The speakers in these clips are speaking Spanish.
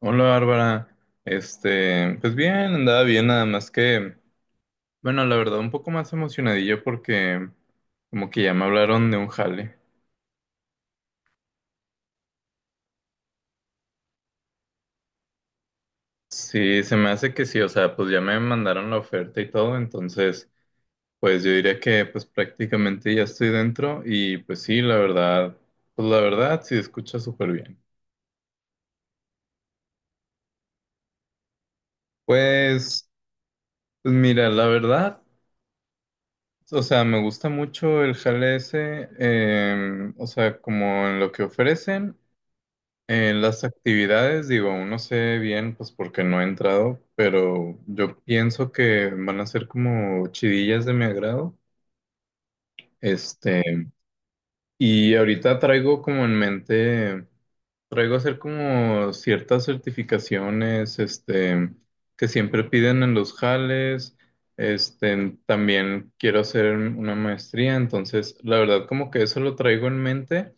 Hola Bárbara. Pues bien, andaba bien, nada más que, bueno, la verdad, un poco más emocionadillo porque como que ya me hablaron de un jale. Sí, se me hace que sí, o sea, pues ya me mandaron la oferta y todo, entonces, pues yo diría que pues prácticamente ya estoy dentro y pues sí, la verdad, pues la verdad sí escucha súper bien. Pues, pues mira, la verdad, o sea, me gusta mucho el jale ese, o sea, como en lo que ofrecen. En las actividades, digo, aún no sé bien, pues porque no he entrado, pero yo pienso que van a ser como chidillas de mi agrado. Este, y ahorita traigo como en mente, traigo hacer como ciertas certificaciones, que siempre piden en los jales. También quiero hacer una maestría, entonces la verdad como que eso lo traigo en mente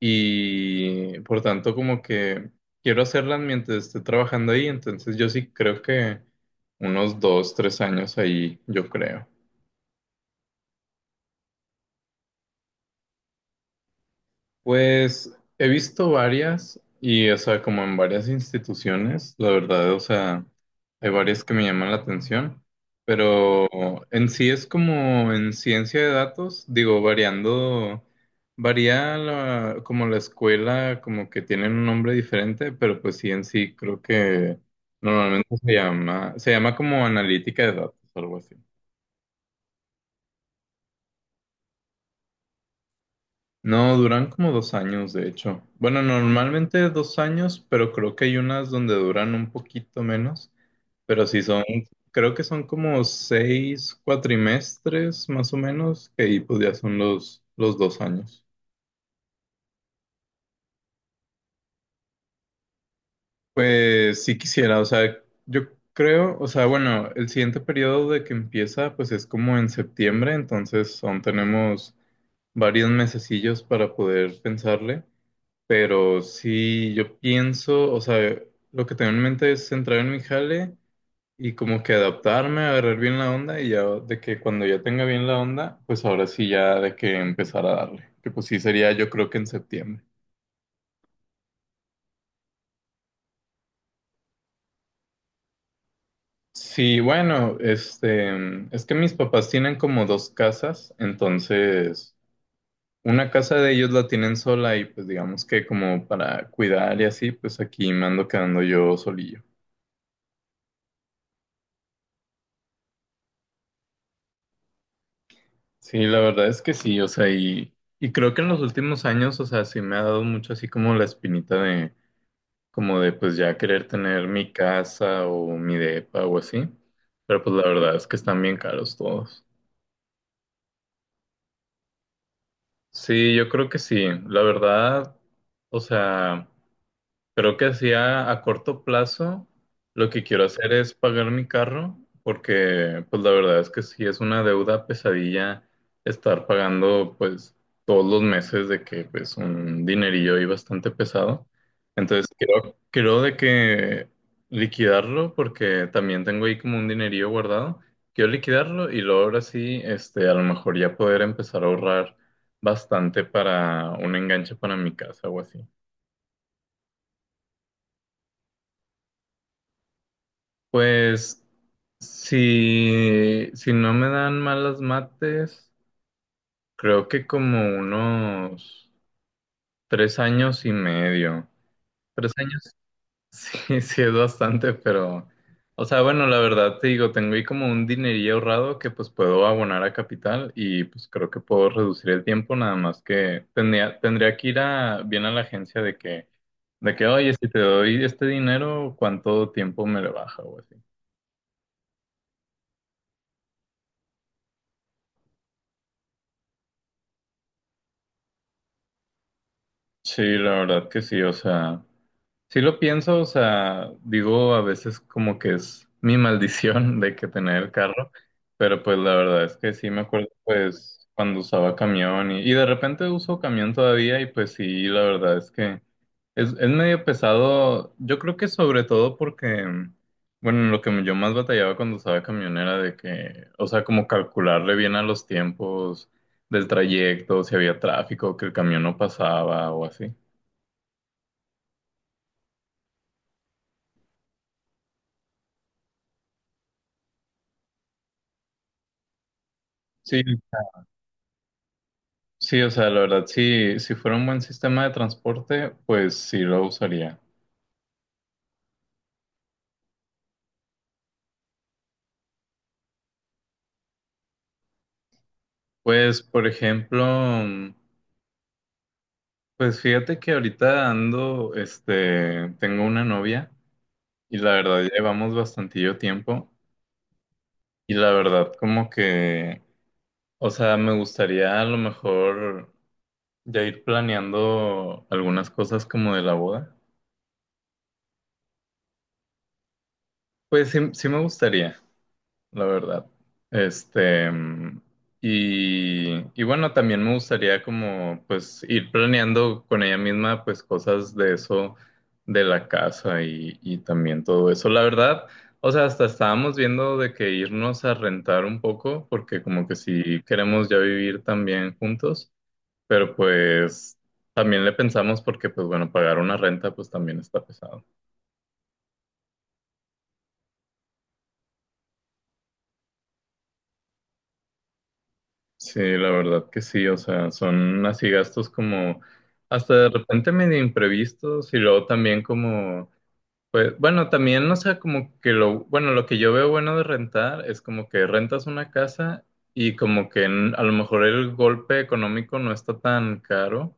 y por tanto como que quiero hacerlas mientras esté trabajando ahí, entonces yo sí creo que unos 2, 3 años ahí, yo creo. Pues he visto varias y, o sea, como en varias instituciones, la verdad, o sea, hay varias que me llaman la atención, pero en sí es como en ciencia de datos, digo, variando, como la escuela, como que tienen un nombre diferente, pero pues sí, en sí creo que normalmente se llama como analítica de datos, algo así. No, duran como 2 años, de hecho. Bueno, normalmente 2 años, pero creo que hay unas donde duran un poquito menos. Pero sí son, creo que son como 6 cuatrimestres más o menos, que ahí pues ya son los 2 años. Pues sí quisiera, o sea, yo creo, o sea, bueno, el siguiente periodo de que empieza pues es como en septiembre, entonces aún tenemos varios mesecillos para poder pensarle. Pero sí, yo pienso, o sea, lo que tengo en mente es entrar en mi jale y como que adaptarme, agarrar bien la onda y ya de que cuando ya tenga bien la onda, pues ahora sí ya de que empezar a darle. Que pues sí sería yo creo que en septiembre. Sí, bueno, es que mis papás tienen como dos casas, entonces una casa de ellos la tienen sola y pues digamos que como para cuidar y así, pues aquí me ando quedando yo solillo. Sí, la verdad es que sí, o sea, y creo que en los últimos años, o sea, sí me ha dado mucho así como la espinita de, como de pues ya querer tener mi casa o mi depa o así, pero pues la verdad es que están bien caros todos. Sí, yo creo que sí, la verdad, o sea. Creo que así a corto plazo lo que quiero hacer es pagar mi carro porque pues la verdad es que sí es una deuda pesadilla estar pagando pues todos los meses de que pues un dinerillo ahí bastante pesado. Entonces creo de que liquidarlo porque también tengo ahí como un dinerillo guardado. Quiero liquidarlo y luego ahora sí a lo mejor ya poder empezar a ahorrar bastante para un enganche para mi casa o así. Pues Si no me dan malas mates, creo que como unos 3 años y medio. Tres años, sí, sí es bastante, pero, o sea, bueno, la verdad te digo, tengo ahí como un dinerillo ahorrado que pues puedo abonar a capital y pues creo que puedo reducir el tiempo, nada más que tendría que ir bien a la agencia de que, oye, si te doy este dinero, ¿cuánto tiempo me lo baja o así? Sí, la verdad que sí, o sea. Sí lo pienso, o sea, digo a veces como que es mi maldición de que tener el carro, pero pues la verdad es que sí me acuerdo pues cuando usaba camión y de repente uso camión todavía y pues sí, la verdad es que es medio pesado, yo creo que sobre todo porque, bueno, lo que yo más batallaba cuando usaba camión era de que, o sea, como calcularle bien a los tiempos del trayecto, si había tráfico, que el camión no pasaba o así. Sí, sí, o sea, la verdad, sí, si fuera un buen sistema de transporte, pues sí lo usaría. Pues, por ejemplo, pues fíjate que ahorita ando, tengo una novia y la verdad llevamos bastantillo tiempo y la verdad como que, o sea, me gustaría a lo mejor ya ir planeando algunas cosas como de la boda. Pues sí, sí me gustaría, la verdad. Este, mm, y bueno, también me gustaría como pues ir planeando con ella misma pues cosas de eso, de la casa y también todo eso. La verdad, o sea, hasta estábamos viendo de que irnos a rentar un poco, porque como que si queremos ya vivir también juntos, pero pues también le pensamos porque pues bueno, pagar una renta pues también está pesado. Sí, la verdad que sí, o sea, son así gastos como hasta de repente medio imprevistos y luego también como, pues bueno, también, o sea, como que bueno, lo que yo veo bueno de rentar es como que rentas una casa y como que a lo mejor el golpe económico no está tan caro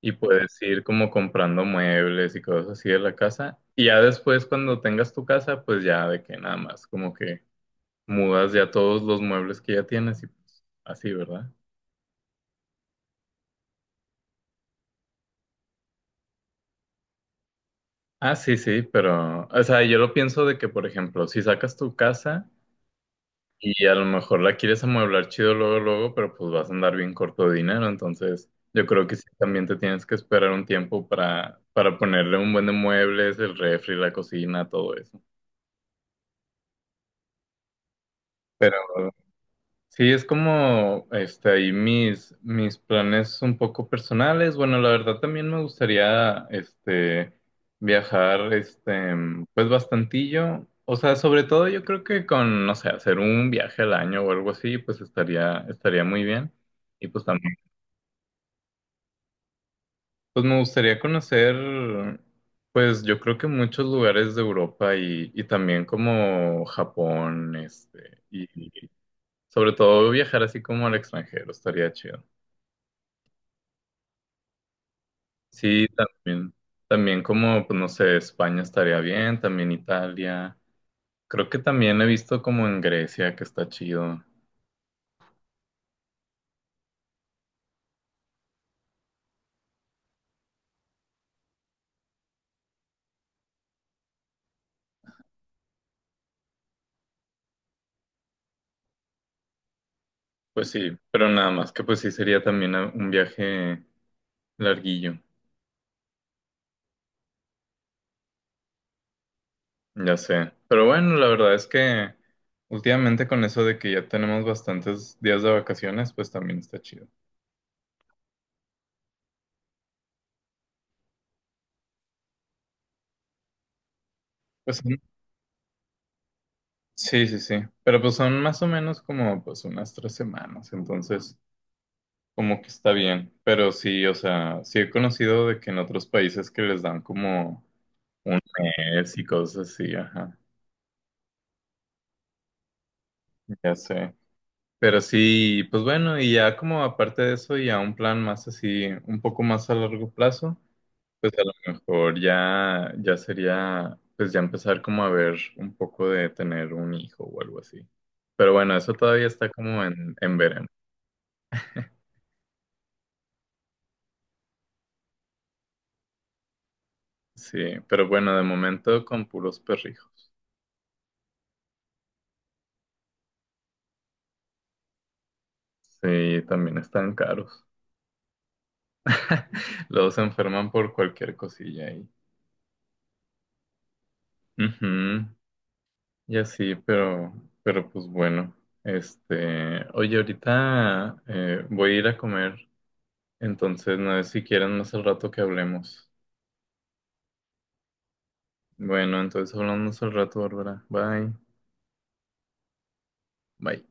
y puedes ir como comprando muebles y cosas así de la casa y ya después cuando tengas tu casa, pues ya de que nada más, como que mudas ya todos los muebles que ya tienes y pues así, ¿verdad? Ah, sí, sí, pero, o sea, yo lo pienso de que, por ejemplo, si sacas tu casa y a lo mejor la quieres amueblar chido luego, luego, pero pues vas a andar bien corto de dinero, entonces yo creo que sí, también te tienes que esperar un tiempo para, ponerle un buen de muebles, el refri, la cocina, todo eso. Pero sí, es como ahí mis planes un poco personales. Bueno, la verdad también me gustaría viajar pues bastantillo. O sea, sobre todo yo creo que con, no sé, hacer un viaje al año o algo así, pues estaría muy bien. Y pues también, pues me gustaría conocer, pues yo creo que muchos lugares de Europa y también como Japón, y sobre todo viajar así como al extranjero, estaría chido. Sí, también. También como, pues no sé, España estaría bien, también Italia. Creo que también he visto como en Grecia que está chido. Pues sí, pero nada más que pues sí sería también un viaje larguillo, ya sé. Pero bueno, la verdad es que últimamente con eso de que ya tenemos bastantes días de vacaciones, pues también está chido. Pues son- sí, sí, sí. Pero pues son más o menos como pues unas 3 semanas, entonces. Como que está bien, pero sí, o sea, sí he conocido de que en otros países que les dan como un mes y cosas así, ajá, ya sé. Pero sí, pues bueno, y ya como aparte de eso, ya un plan más así, un poco más a largo plazo, pues a lo mejor ya sería, pues ya empezar como a ver un poco de tener un hijo o algo así. Pero bueno, eso todavía está como en verano. Sí, pero bueno, de momento con puros perrijos. Sí, también están caros. Los enferman por cualquier cosilla y, Ujú, y así, pero, pues bueno. Oye, ahorita voy a ir a comer, entonces no sé si quieren más al rato que hablemos. Bueno, entonces hablamos al rato, Bárbara. Bye. Bye.